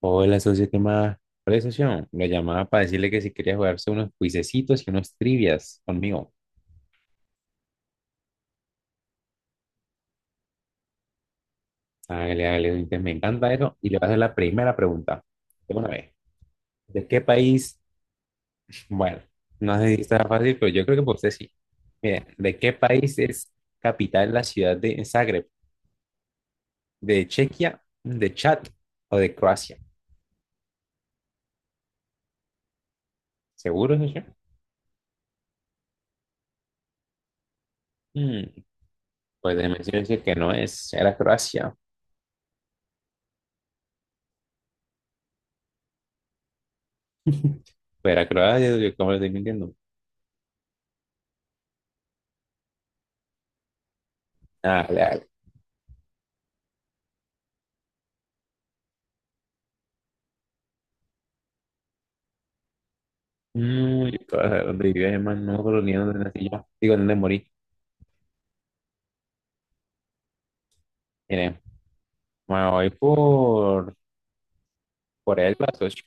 Hola, socio, ¿qué más? Hola, socio. Lo llamaba para decirle que si quería jugarse unos cuisecitos y unos trivias conmigo. Hágale, hágale, entonces me encanta eso. Y le voy a hacer la primera pregunta. De una vez. ¿De qué país? Bueno, no sé si está fácil, pero yo creo que por usted sí. Mire, ¿de qué país es capital la ciudad de Zagreb? ¿De Chequia, de Chad o de Croacia? ¿Seguro, socio? Mm, pues déjeme decirle que no es. Era Croacia. Pero era Croacia, yo como lo estoy mintiendo. Dale, dale. No, yo todavía donde vivía, hermano, no me acuerdo ni dónde nací yo. Digo, dónde morí. Mire, me voy por el las ocho.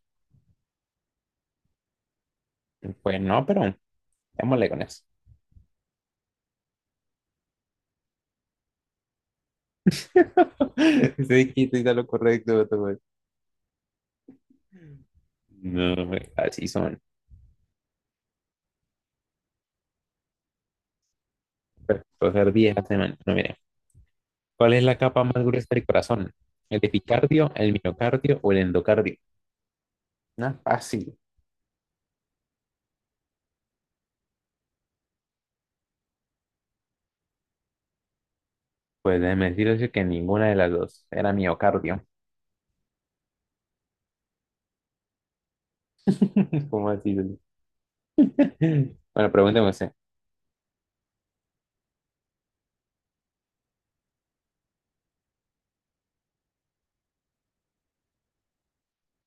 Pues no, pero démosle con eso. Ese dijiste está lo correcto, vato, güey. No, hombre, así son. Pero puedo ser 10 la semana. No, mire. ¿Cuál es la capa más gruesa del corazón? ¿El epicardio, el miocardio o el endocardio? No, fácil. Pues déjeme decirles que ninguna de las dos. Era miocardio. ¿Cómo así? Bueno, pregúnteme usted.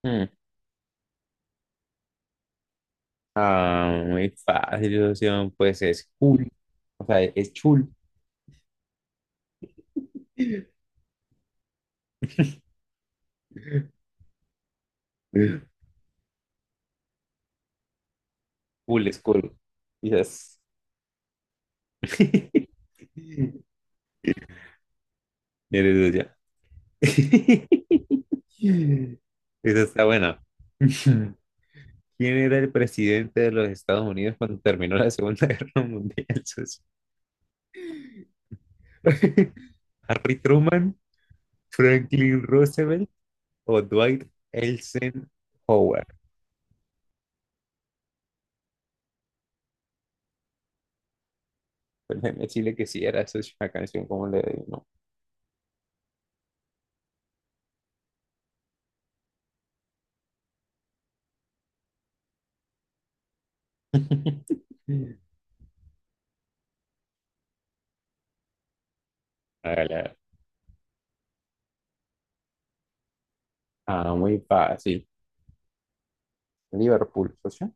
Hmm. Ah, muy fácil, socio. Pues es cool. O sea, es chul. Cool, es cool. Quizás. Eres socio. Esa está buena. ¿Quién era el presidente de los Estados Unidos cuando terminó la Segunda Guerra Mundial, socio? ¿Harry Truman, Franklin Roosevelt o Dwight Eisenhower? Pues déjeme decirle que sí era, socio, la canción, como le digo. Hágale. Ah, muy fácil. Liverpool, socio.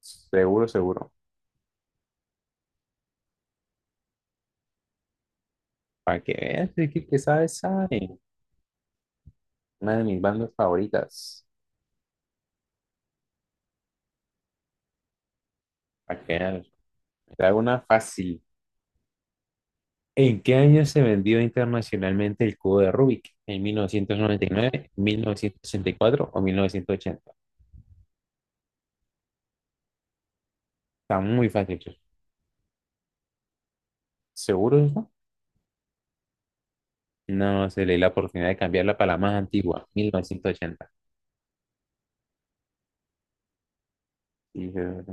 Seguro, seguro. Para que veas, es que sabe, sabe. Una de mis bandas favoritas. Para que veas. Te hago una fácil. ¿En qué año se vendió internacionalmente el cubo de Rubik? ¿En 1999, 1964 o 1980? Está muy fácil, socio. ¿Seguro eso? No, se le dio la oportunidad de cambiarla para la más antigua, 1980. Y,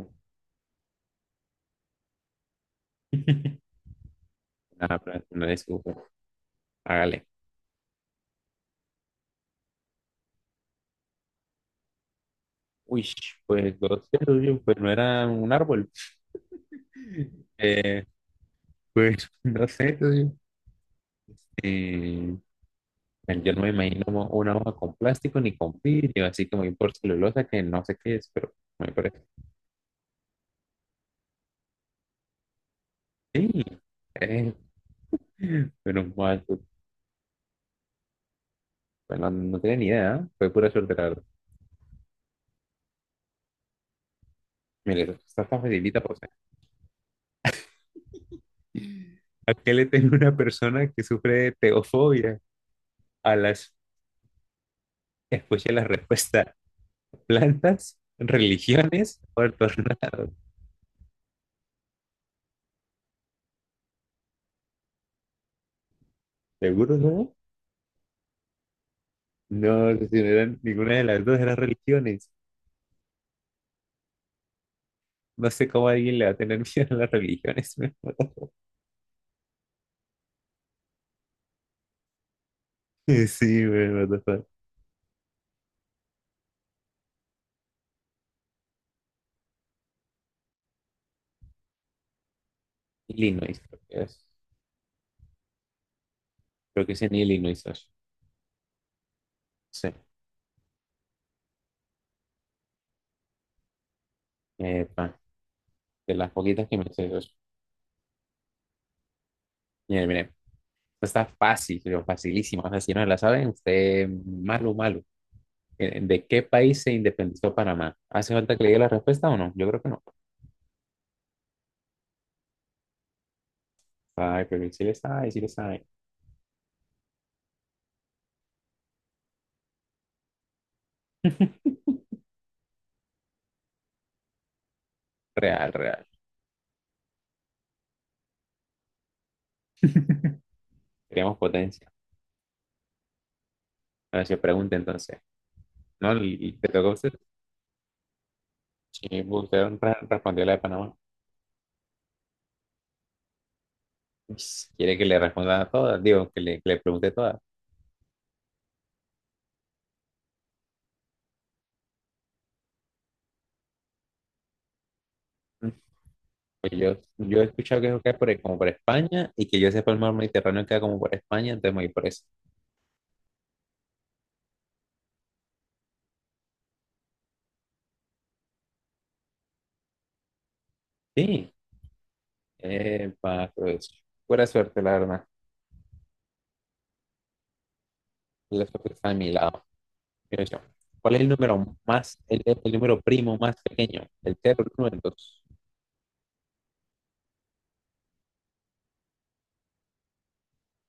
nada, pero no le escupo. Hágale. Uy, pues no sé, oye, pues no era un árbol. Eh, pues no sé, oye, eh, pues, yo no me imagino una hoja con plástico ni con vidrio, así como ir por celulosa que no sé qué es, pero me parece. Sí, eh, pero bueno, no tenía ni idea, ¿eh? Fue pura suerte, la verdad. Mire, esta está facilita, pues. ¿Eh? ¿A qué le teme una persona que sufre de teofobia? A las, escuche la respuesta, plantas, religiones o el tornado. ¿Seguro no? No, no, si no eran ninguna de las dos, eran religiones. No sé cómo alguien le va a tener miedo a las religiones. Me mató. Sí, güey, what the fuck. Illinois, creo que es. Creo que es en Illinois, Sasha. Sí. Epa, de las poquitas que me sé, Sasha. Mire, mire, esto está fácil, pero facilísimo. O sea, si no la saben, usted malo, malo. ¿De qué país se independizó Panamá? ¿Hace falta que le diga la respuesta o no? Yo creo que no. Ay, pero sí le sabe, sí le sabe. Real, real. Queremos potencia. Ahora se pregunta entonces. ¿No? Y te tocó a usted. Y usted respondió la de Panamá. Pues, quiere que le responda a todas, digo, que le, pregunte todas. Mm. Pues yo he escuchado que eso queda por ahí, como por España, y que yo sepa el mar Mediterráneo queda como por España, entonces me voy por eso. Sí, epa, pues, buena suerte, la verdad. La suerte está de mi lado. Mira yo, ¿cuál es el número más, el número primo más pequeño? El cero, el uno, el dos.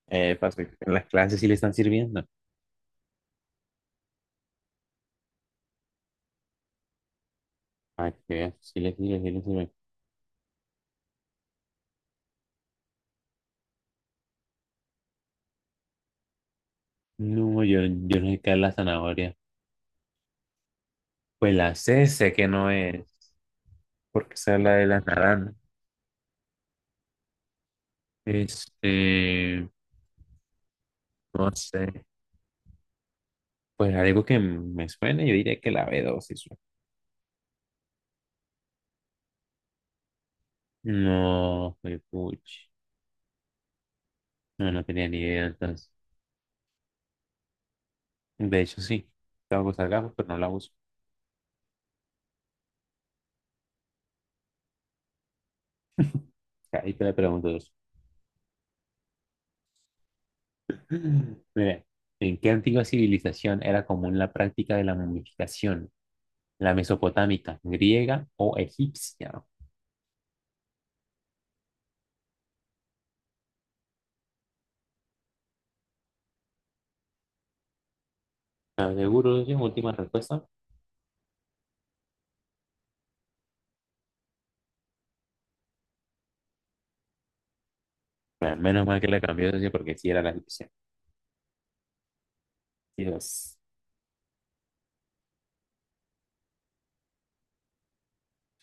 Epa, sí, en las clases sí le están sirviendo. Ay, qué bien, sí le sirve, sí le sirve. No, yo no sé qué es la zanahoria. Pues la sé, sé que no es, porque esa es la de las naranjas. Este, no sé. Pues algo que me suene, yo diría que la B12. No, pues, puch. No, no tenía ni idea entonces. De hecho, sí. Tengo que usar gafas, pero no la uso. Ahí te la pregunto dos. Mira, ¿en qué antigua civilización era común la práctica de la momificación? ¿La mesopotámica, griega o egipcia? ¿Estás seguro de su última respuesta? Bueno, menos mal que la cambió, socio, porque sí era la solución. Dios.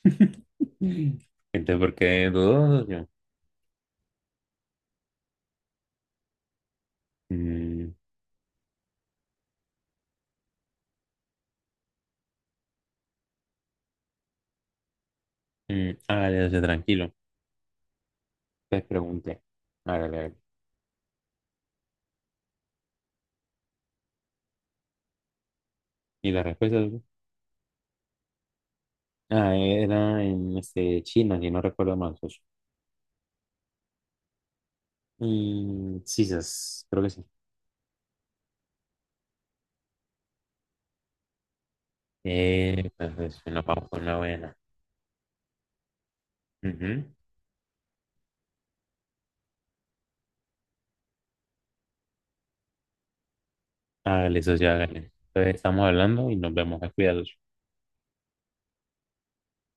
Entonces, ¿por qué dudó, socio? Mm, hágale, socio, tranquilo. Pues pregunté. Hágale, hágale. ¿Y la respuesta, socio? Ah, era en China, si no recuerdo mal, socio. Y sí, sas, creo que sí. Pues, socio, nos vamos con una buena. Ujú. Hágale, socio, hágale. Entonces, estamos hablando y nos vemos. Cuidados.